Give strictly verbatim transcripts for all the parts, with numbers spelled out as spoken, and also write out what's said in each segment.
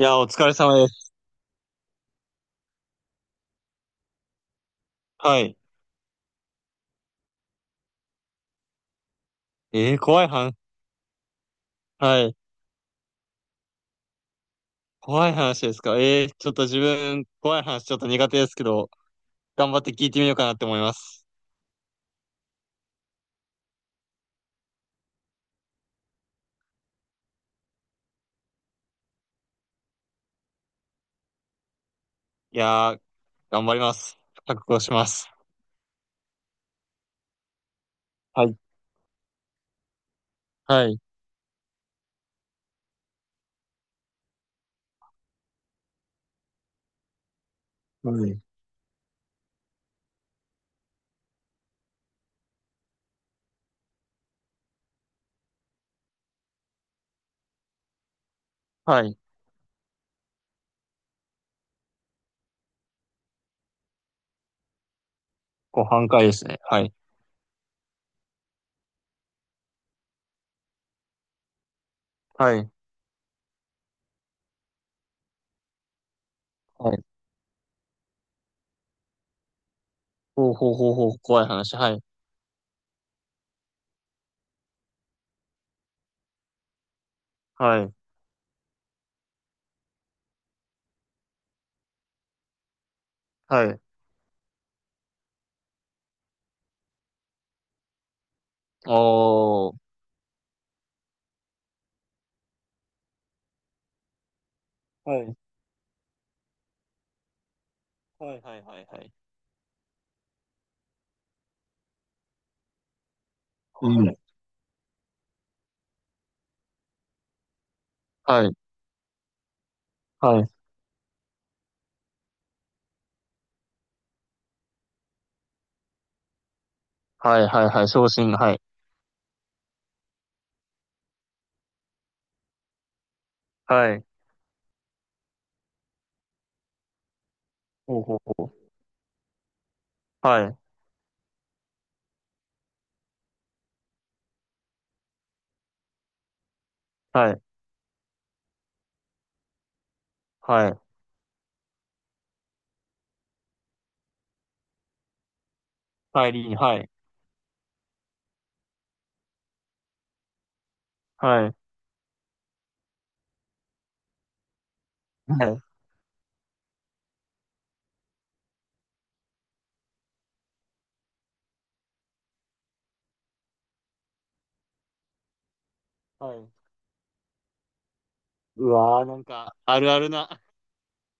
いや、お疲れ様です。はい。えー、怖い話。はい。怖い話ですか。えー、ちょっと自分、怖い話ちょっと苦手ですけど、頑張って聞いてみようかなって思います。いやー、頑張ります。覚悟します。はい。はい。はいはい。ご半回ですね。はい。はい。はい。ほうほうほうほう、怖い話。はい。はい。はい。おー。はい。はいはいはいはい。うん。はい。はい。はいはいはい。昇進。はい。はい。ほうほうほう。はい。はい。はい。帰りに、はい。はい。はい。はい。うわー、なんか、あるあるな。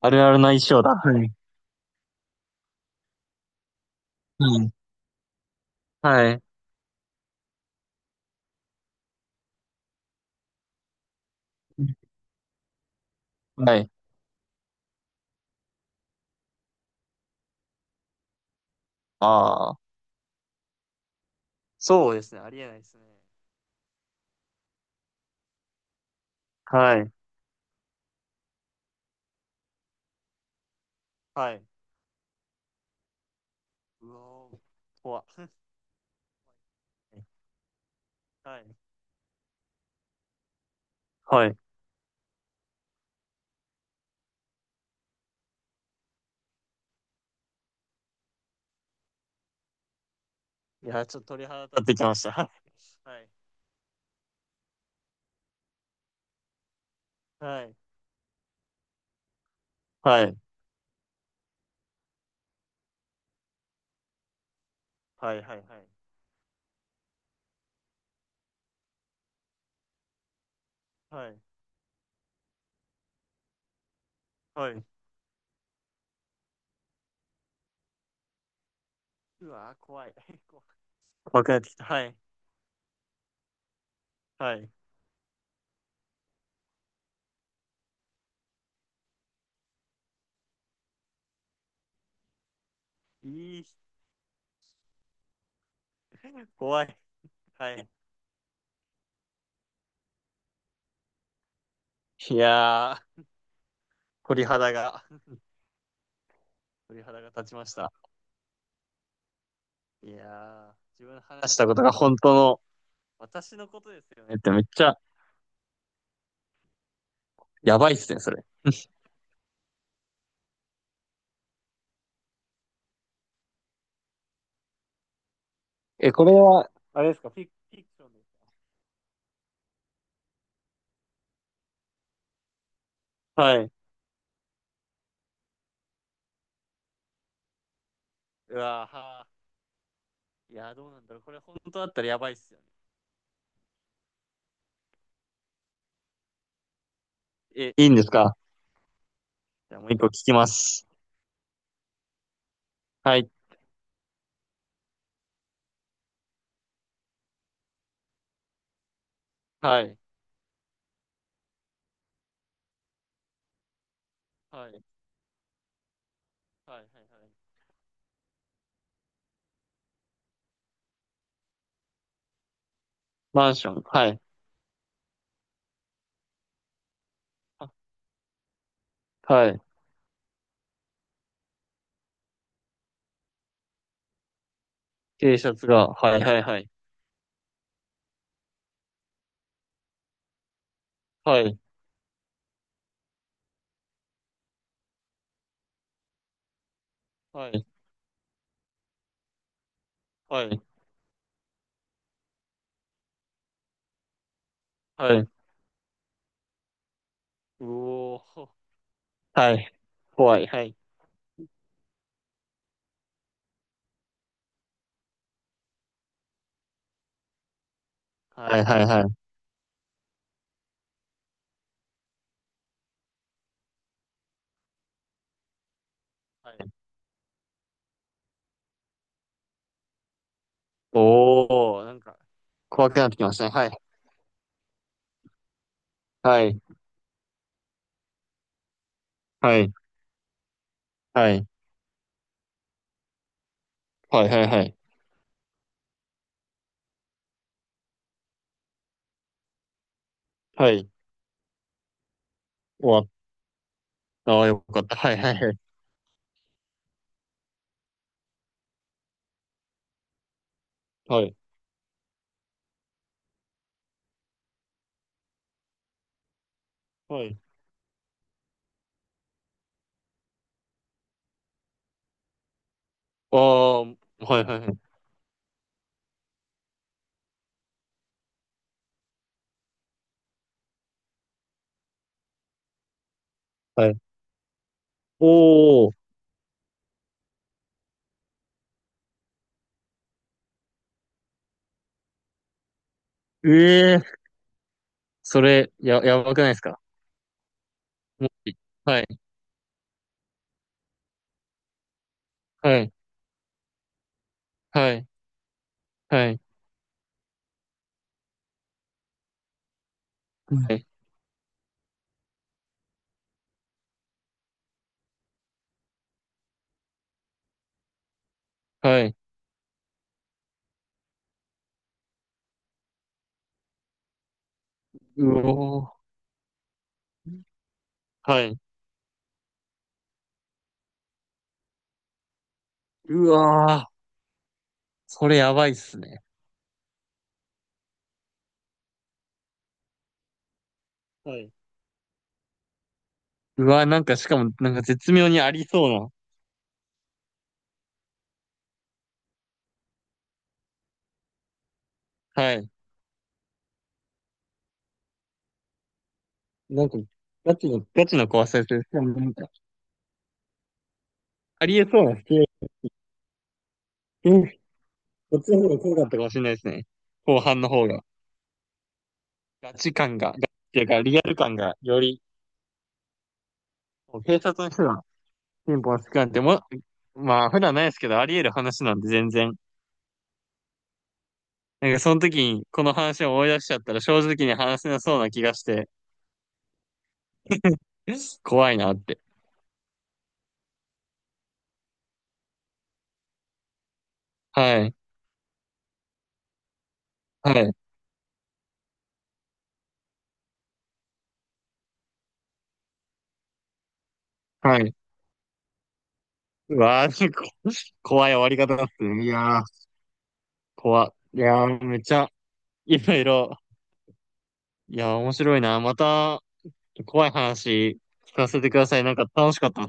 あるあるな衣装だ。はい。うん。はい。はいはいはい。ああ、そうですね。ありえないですね。はい。はい。うわー、怖っ。はい。はい。いや、ちょっと鳥肌立ってきました。はい。はい。はい。はいはいはい。はい。はい。うわー、怖い。怖怖くなってきた。はい。はい。いい、怖い。はい。いやー、鳥肌が、鳥肌が立ちました。いやー、自分の話したことが本当の、私のことですよねって、めっちゃやばいっすね、それ。え、これは、あれですか、フィクフィクションですか？はい。うわーはー。いやー、どうなんだろう。これ本当だったらやばいっすよね。え、いいんですか？じゃあもう一個聞きます。はい。はい。はい。はいはいはい。マンション。はい。あ、はい。T シャツが。はいはいはい。はい。はい。はい。はい。うおー。はい。怖い。はい。ははいはいはい。はい。おー、なんか、怖くなってきましたね。はい。はい。はい。はい。はい。はい。はい。はい。終わった。ああ、よかった。はい。はい。はい。はい。はい。ああ、はい。はい。はい。はい。おお、ええ、それ、や、やばくないですか？もし。はい。はい。はい。はい。はい。はい。うおー。はい。うわー。それやばいっすね。はい。うわー、なんかしかも、なんか絶妙にありそうな。はい。なんか、ガチの、ガチの怖さです。しかもなんか、ありえそうなシチュエーション。こっちの方が怖かったかもしれないですね。後半の方が。ガチ感が、ガチやからリアル感がより、もう警察の人がピンポンつくなんても、まあ普段ないですけど、あり得る話なんで全然。なんかその時にこの話を思い出しちゃったら正直に話せなそうな気がして、怖いなって。はい。はい。はい。うわー、こ怖い終わり方だっすね。いやー、怖。いやー、めっちゃ、いろいろ。いやー、面白いな。また、怖い話聞かせてください。なんか楽しかった。